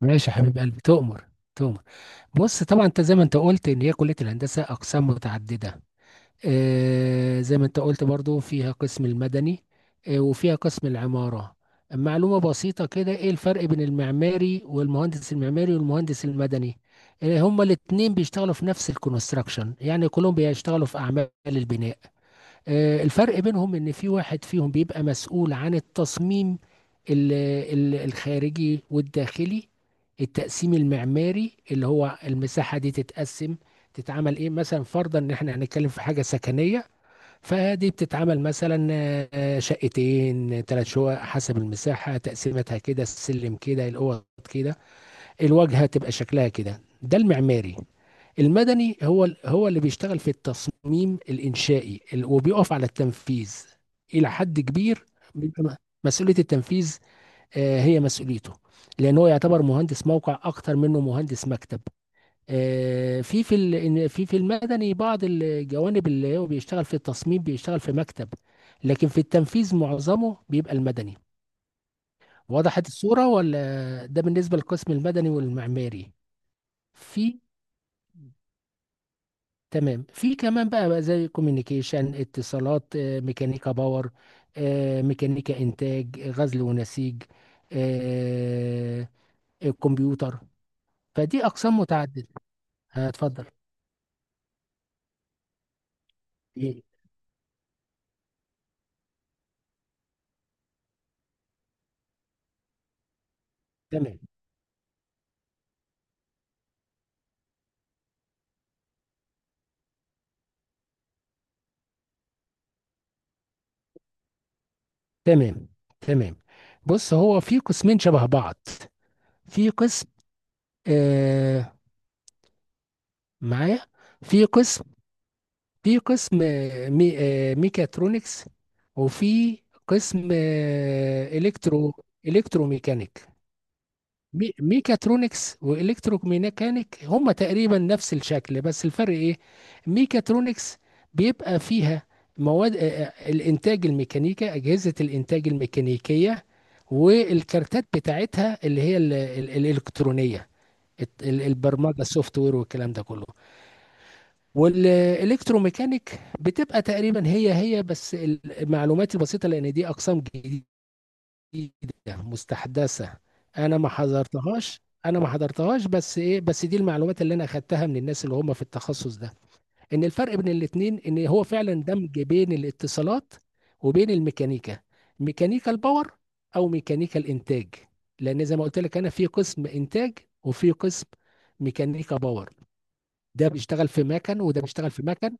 ماشي يا حبيب قلبي، تؤمر تؤمر بص طبعا انت زي ما انت قلت ان هي كليه الهندسه اقسام متعدده. آه زي ما انت قلت برضو فيها قسم المدني. آه وفيها قسم العماره. معلومه بسيطه كده، ايه الفرق بين المعماري والمهندس المعماري والمهندس المدني؟ آه هما الاثنين بيشتغلوا في نفس الكونستراكشن، يعني كلهم بيشتغلوا في اعمال البناء. الفرق بينهم ان في واحد فيهم بيبقى مسؤول عن التصميم ال- الخارجي والداخلي. التقسيم المعماري اللي هو المساحة دي تتقسم، تتعمل ايه، مثلا فرضا ان احنا هنتكلم في حاجة سكنية فدي بتتعمل مثلا شقتين ثلاث شقق حسب المساحة، تقسيمتها كده، السلم كده، الاوض كده، الواجهة تبقى شكلها كده، ده المعماري. المدني هو هو اللي بيشتغل في التصميم الإنشائي وبيقف على التنفيذ إلى حد كبير. بيبقى مسؤولية التنفيذ آه، هي مسؤوليته، لأن هو يعتبر مهندس موقع أكتر منه مهندس مكتب. آه، في المدني بعض الجوانب اللي هو بيشتغل في التصميم بيشتغل في مكتب، لكن في التنفيذ معظمه بيبقى المدني. وضحت الصورة ولا؟ ده بالنسبة للقسم المدني والمعماري. في تمام، في كمان بقى، زي كوميونيكيشن اتصالات، آه، ميكانيكا باور، آه، ميكانيكا انتاج، آه، غزل ونسيج، آه، الكمبيوتر. فدي اقسام متعدده. هتفضل. إيه؟ تمام تمام تمام. بص هو في قسمين شبه بعض. في قسم آه، معايا؟ في قسم، في قسم آه، ميكاترونكس، وفي قسم آه، الكتروميكانيك. ميكاترونكس والكتروميكانيك هما تقريبا نفس الشكل، بس الفرق ايه؟ ميكاترونكس بيبقى فيها مواد الانتاج الميكانيكا، اجهزة الانتاج الميكانيكية والكارتات بتاعتها اللي هي الالكترونية، البرمجة السوفت وير والكلام ده كله. والالكتروميكانيك بتبقى تقريبا هي هي، بس المعلومات البسيطة لان دي اقسام جديدة، جديدة مستحدثة. انا ما حضرتهاش، انا ما حضرتهاش، بس ايه، بس دي المعلومات اللي انا اخدتها من الناس اللي هم في التخصص ده. ان الفرق بين الاتنين ان هو فعلا دمج بين الاتصالات وبين الميكانيكا، ميكانيكا الباور او ميكانيكا الانتاج. لان زي ما قلت لك انا في قسم انتاج وفي قسم ميكانيكا باور، ده بيشتغل في مكن وده بيشتغل في مكن.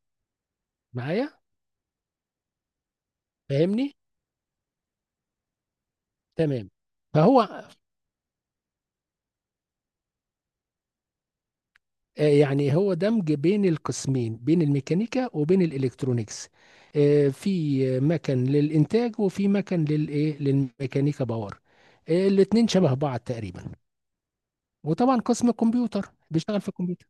معايا؟ فاهمني؟ تمام. فهو آه، يعني هو دمج بين القسمين، بين الميكانيكا وبين الالكترونيكس. آه، في مكن للانتاج وفي مكن للايه، للميكانيكا باور. آه، الاتنين شبه بعض تقريبا. وطبعا قسم الكمبيوتر بيشتغل في الكمبيوتر.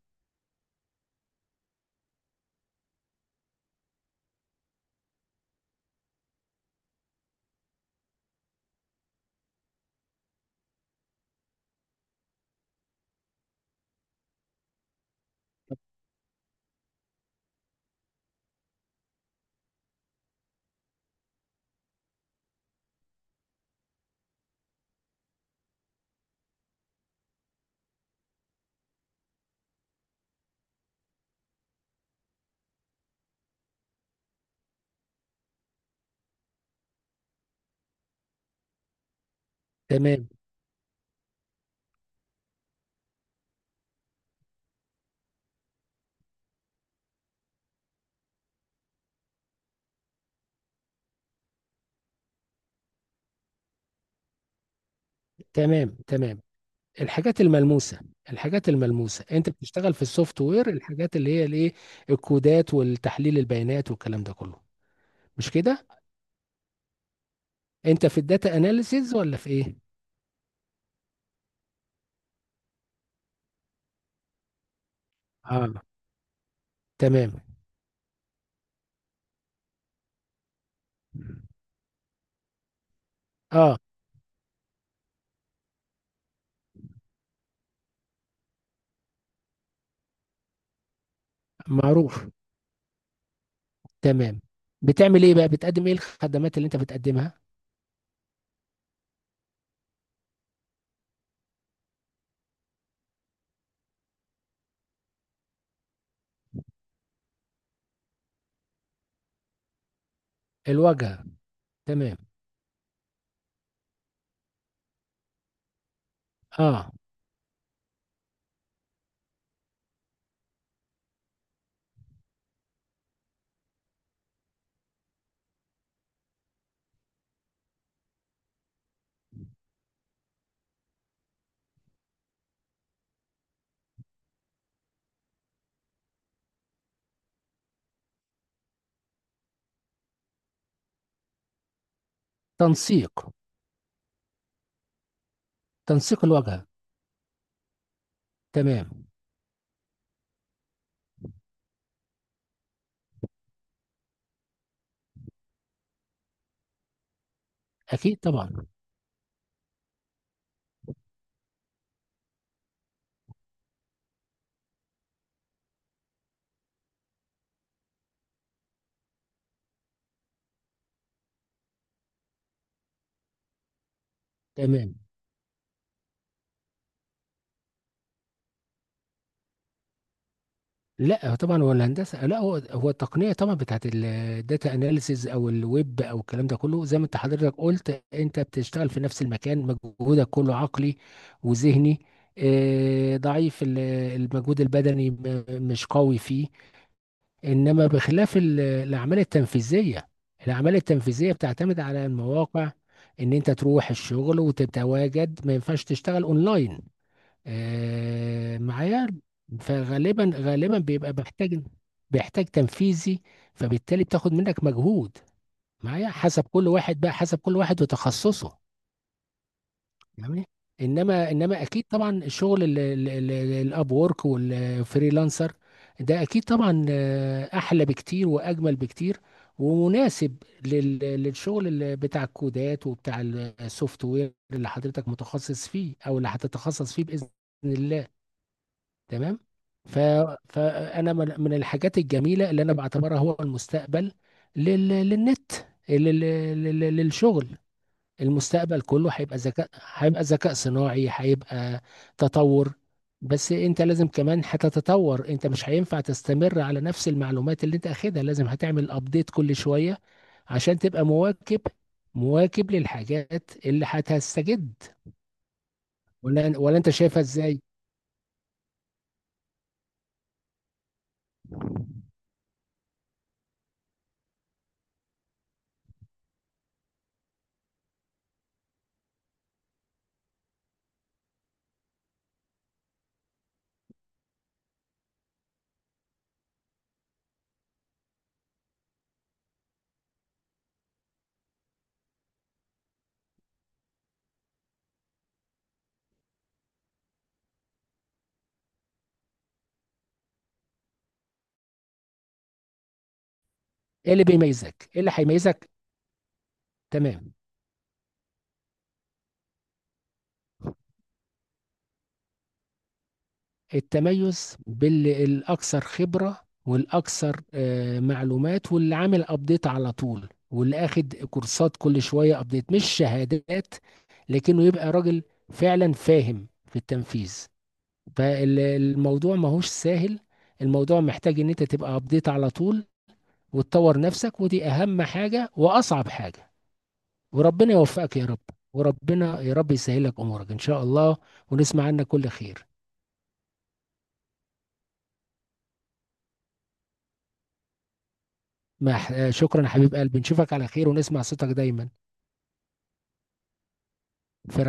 تمام. تمام تمام. الحاجات الملموسه، الحاجات الملموسه. انت بتشتغل في السوفت وير، الحاجات اللي هي الايه، الكودات والتحليل البيانات والكلام ده كله. مش كده؟ انت في الداتا اناليسيز ولا في ايه؟ اه. تمام. اه معروف. تمام. بتعمل ايه بقى، بتقدم ايه الخدمات اللي انت بتقدمها؟ الواجهه. تمام. اه، تنسيق. تنسيق الواجهه. تمام. اكيد طبعا. تمام. لا طبعا، هو الهندسه، لا هو هو التقنيه طبعا بتاعت الداتا اناليسيز او الويب او الكلام ده كله، زي ما انت حضرتك قلت، انت بتشتغل في نفس المكان، مجهودك كله عقلي وذهني. آه، ضعيف المجهود البدني مش قوي فيه. انما بخلاف الاعمال التنفيذيه، الاعمال التنفيذيه بتعتمد على المواقع، ان انت تروح الشغل وتتواجد، ما ينفعش تشتغل اونلاين. آه معايا؟ فغالبا بيبقى محتاج، بيحتاج تنفيذي، فبالتالي بتاخد منك مجهود. معايا؟ حسب كل واحد بقى، حسب كل واحد وتخصصه. جميل. انما اكيد طبعا الشغل الاب وورك والفريلانسر، ده اكيد طبعا آه، احلى بكتير واجمل بكتير، ومناسب للشغل بتاع الكودات وبتاع السوفت وير اللي حضرتك متخصص فيه او اللي هتتخصص فيه باذن الله. تمام. ف، فانا من الحاجات الجميله اللي انا بعتبرها هو المستقبل. للنت، لل- للشغل. المستقبل كله هيبقى ذكاء، هيبقى ذكاء صناعي، هيبقى تطور. بس انت لازم كمان هتتطور، انت مش هينفع تستمر على نفس المعلومات اللي انت اخدها، لازم هتعمل ابديت كل شوية عشان تبقى مواكب، مواكب للحاجات اللي هتستجد. ولا انت شايفها ازاي؟ ايه اللي بيميزك، ايه اللي هيميزك؟ تمام. التميز بالاكثر خبره والاكثر آه، معلومات، واللي عامل ابديت على طول، واللي اخد كورسات كل شويه ابديت مش شهادات، لكنه يبقى راجل فعلا فاهم في التنفيذ. فالموضوع ماهوش سهل، الموضوع محتاج ان انت تبقى ابديت على طول وتطور نفسك، ودي اهم حاجه واصعب حاجه. وربنا يوفقك يا رب، وربنا يا رب يسهلك امورك ان شاء الله، ونسمع عنك كل خير. مح... آه، شكرا يا حبيب قلبي، نشوفك على خير ونسمع صوتك دايما. في رعاية.